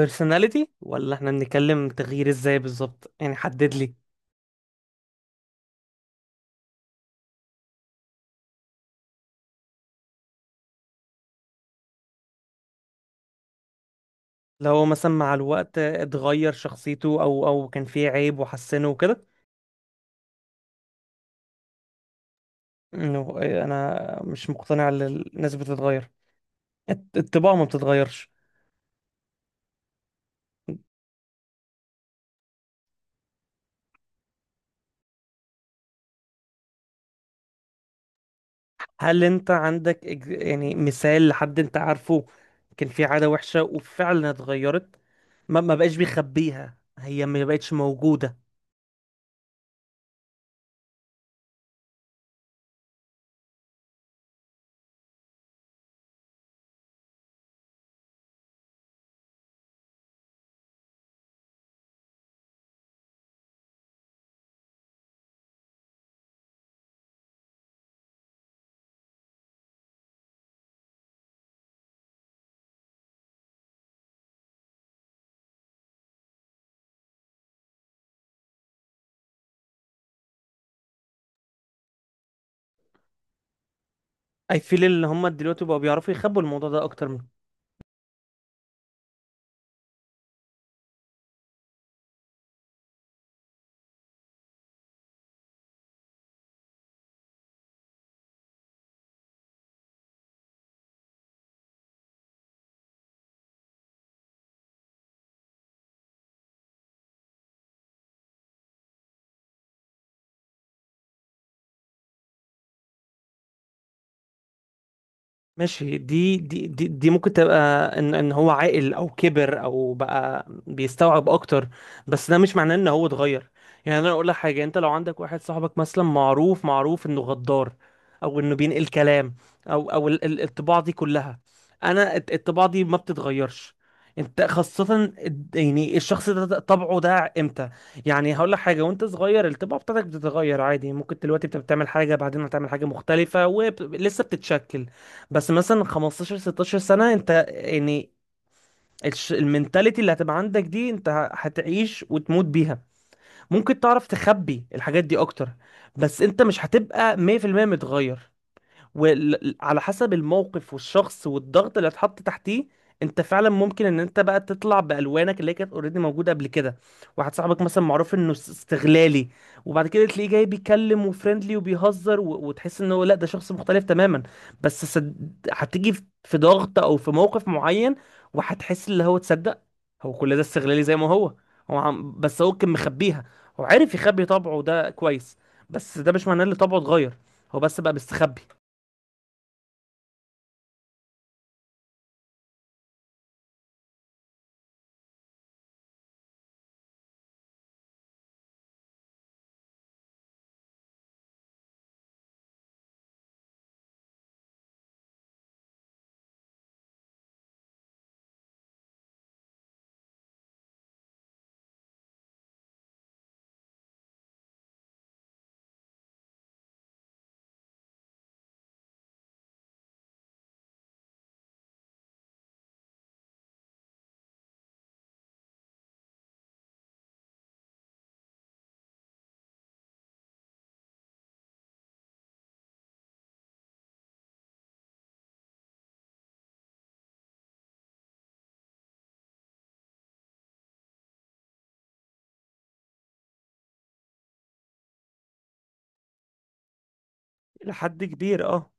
personality ولا احنا بنتكلم تغيير ازاي بالظبط؟ يعني حدد لي. لو مثلا مع الوقت اتغير شخصيته او كان فيه عيب وحسنه وكده. انه انا مش مقتنع ان الناس بتتغير. الطباع ما بتتغيرش. هل انت عندك يعني مثال لحد انت عارفه كان فيه عادة وحشة وفعلا اتغيرت؟ ما بقاش بيخبيها، هي ما بقتش موجودة؟ I feel ان هم دلوقتي بقوا بيعرفوا يخبوا الموضوع ده اكتر من... ماشي، دي ممكن تبقى ان هو عاقل او كبر او بقى بيستوعب اكتر. بس ده مش معناه ان هو اتغير. يعني انا اقول لك حاجه: انت لو عندك واحد صاحبك مثلا معروف انه غدار، او انه بينقل كلام، او الطباع دي كلها، انا الطباع دي ما بتتغيرش. انت خاصة يعني الشخص ده ده طبعه ده امتى؟ يعني هقول لك حاجة: وانت صغير الطباع بتاعتك بتتغير عادي، ممكن دلوقتي بتبقى بتعمل حاجة بعدين هتعمل حاجة مختلفة، ولسه بتتشكل. بس مثلا 15 16 سنة انت يعني المنتاليتي اللي هتبقى عندك دي انت هتعيش وتموت بيها. ممكن تعرف تخبي الحاجات دي اكتر، بس انت مش هتبقى 100% متغير. وعلى حسب الموقف والشخص والضغط اللي اتحط تحتيه، انت فعلا ممكن ان انت بقى تطلع بالوانك اللي هي كانت اوريدي موجوده قبل كده. واحد صاحبك مثلا معروف انه استغلالي، وبعد كده تلاقيه جاي بيتكلم وفريندلي وبيهزر و... وتحس ان هو لا ده شخص مختلف تماما. بس هتيجي في ضغط او في موقف معين وهتحس اللي هو تصدق هو كل ده استغلالي زي ما هو. بس هو كان مخبيها. هو عارف يخبي طبعه ده كويس، بس ده مش معناه ان طبعه اتغير، هو بس بقى مستخبي. إلى حد كبير اه.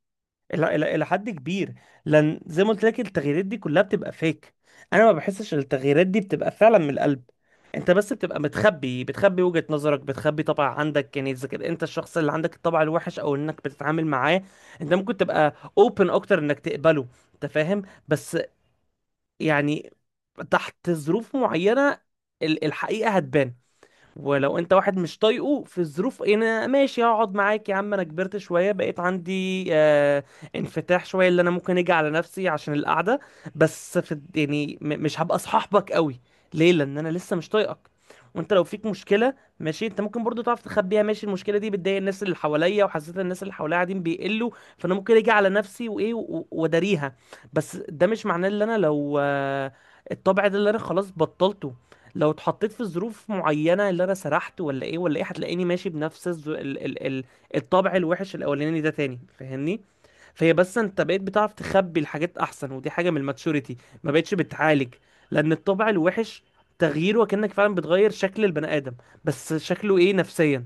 إلى حد كبير. لأن زي ما قلت لك التغييرات دي كلها بتبقى فيك. أنا ما بحسش إن التغييرات دي بتبقى فعلا من القلب. أنت بس بتبقى متخبي، بتخبي وجهة نظرك، بتخبي طبع عندك، يعني إذا كان أنت الشخص اللي عندك الطبع الوحش أو إنك بتتعامل معاه، أنت ممكن تبقى أوبن أكتر إنك تقبله. أنت فاهم؟ بس يعني تحت ظروف معينة الحقيقة هتبان. ولو انت واحد مش طايقه، في الظروف انا ماشي هقعد معاك يا عم، انا كبرت شويه بقيت عندي آه انفتاح شويه اللي انا ممكن اجي على نفسي عشان القعده، بس في يعني مش هبقى صاحبك قوي. ليه؟ لان انا لسه مش طايقك. وانت لو فيك مشكله، ماشي انت ممكن برضو تعرف تخبيها، ماشي المشكله دي بتضايق الناس اللي حواليا وحسيت ان الناس اللي حواليا قاعدين بيقلوا، فانا ممكن اجي على نفسي وايه واداريها. بس ده مش معناه ان انا لو آه الطبع ده اللي انا خلاص بطلته، لو اتحطيت في ظروف معينة اللي انا سرحت ولا ايه ولا ايه، هتلاقيني ماشي بنفس الز... ال... ال... ال... الطبع الوحش الاولاني ده تاني. فاهمني؟ فهي بس انت بقيت بتعرف تخبي الحاجات احسن، ودي حاجة من الماتشوريتي، ما بقتش بتعالج. لان الطبع الوحش تغييره كأنك فعلا بتغير شكل البني ادم. بس شكله ايه نفسيا.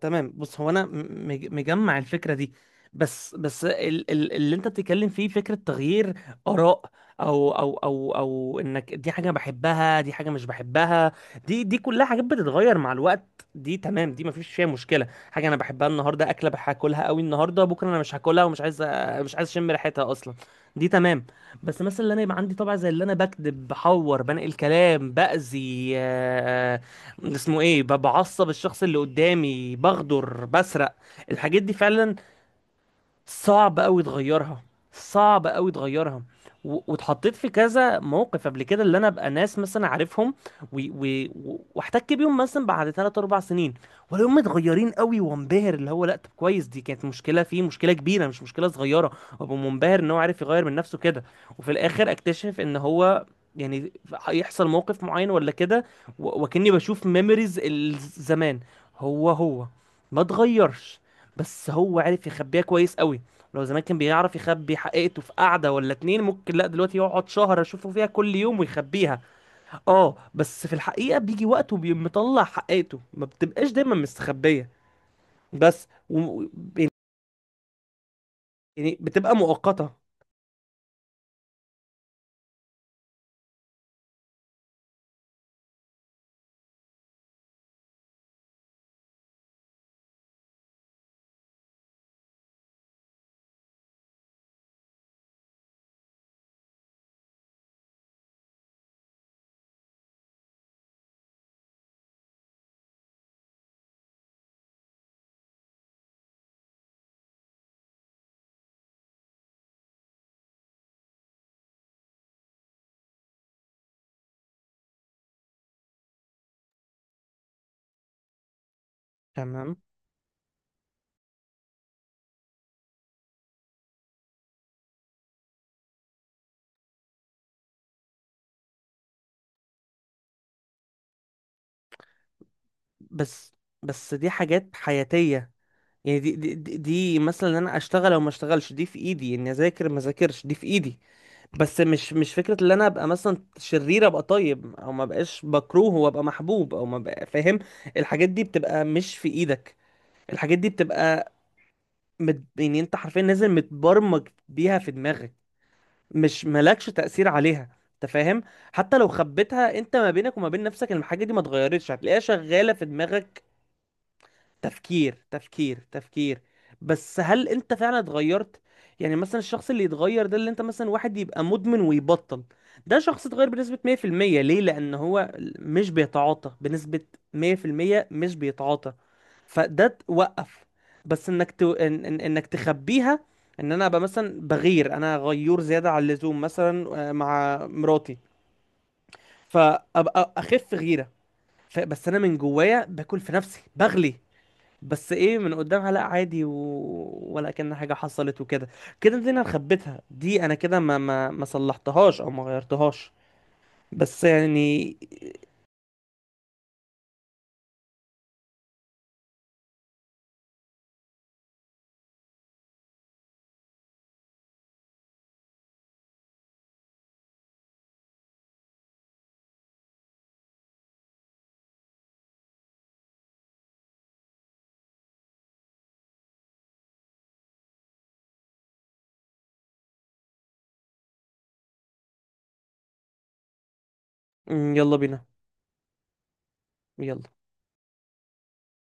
تمام، بص هو انا مجمع الفكره دي، بس بس ال اللي انت بتتكلم فيه فكره تغيير اراء، او انك دي حاجه بحبها دي حاجه مش بحبها، دي كلها حاجات بتتغير مع الوقت. دي تمام، دي مفيش فيها مشكله. حاجه انا بحبها النهارده اكله هاكلها قوي النهارده، بكره انا مش هاكلها ومش عايز مش عايز اشم ريحتها اصلا. دي تمام. بس مثلا اللي انا يبقى عندي طبع زي اللي انا بكذب، بحور، بنقل كلام، باذي، اسمه ايه، ببعصب الشخص اللي قدامي، بغدر، بسرق. الحاجات دي فعلا صعب قوي تغيرها. صعب قوي تغيرها. واتحطيت في كذا موقف قبل كده اللي انا ابقى ناس مثلا عارفهم واحتك بيهم مثلا بعد 3 4 سنين ولا هم متغيرين قوي، وانبهر اللي هو لا طب كويس، دي كانت مشكله فيه، مشكله كبيره مش مشكله صغيره، وابقى منبهر ان هو عارف يغير من نفسه كده. وفي الاخر اكتشف ان هو يعني هيحصل موقف معين ولا كده وكأني بشوف ميموريز الزمان، هو ما اتغيرش، بس هو عرف يخبيها كويس قوي. لو زمان كان بيعرف يخبي حقيقته في قعدة ولا اتنين، ممكن لا دلوقتي يقعد شهر اشوفه فيها كل يوم ويخبيها. اه بس في الحقيقة بيجي وقت وبيقوم مطلع حقيقته، ما بتبقاش دايما مستخبية. بس و... يعني بتبقى مؤقتة. تمام، بس بس دي حاجات حياتية، يعني دي مثلا ان انا اشتغل او ما اشتغلش دي في ايدي، اني اذاكر ما اذاكرش دي في ايدي. بس مش فكره ان انا ابقى مثلا شرير ابقى طيب، او ما بقاش بكروه وابقى محبوب، او ما بقى فاهم. الحاجات دي بتبقى مش في ايدك. الحاجات دي بتبقى يعني انت حرفيا نازل متبرمج بيها في دماغك، مش مالكش تأثير عليها. انت فاهم؟ حتى لو خبيتها انت ما بينك وما بين نفسك، الحاجه دي ما اتغيرتش، هتلاقيها شغاله في دماغك. تفكير تفكير تفكير. بس هل انت فعلا اتغيرت؟ يعني مثلا الشخص اللي يتغير ده اللي انت مثلا واحد يبقى مدمن ويبطل، ده شخص اتغير بنسبة 100%. ليه؟ لان هو مش بيتعاطى بنسبة 100%، مش بيتعاطى، فده توقف. بس انك انك تخبيها، ان انا ابقى مثلا بغير، انا غيور زيادة عن اللزوم مثلا آه، مع مراتي، فابقى اخف غيرة. بس انا من جوايا باكل في نفسي بغلي. بس ايه، من قدامها لا عادي و... ولا كأن حاجه حصلت وكده. كده دي انا خبيتها، دي انا كده ما صلحتهاش او ما غيرتهاش، بس يعني. يلا بينا. يلا.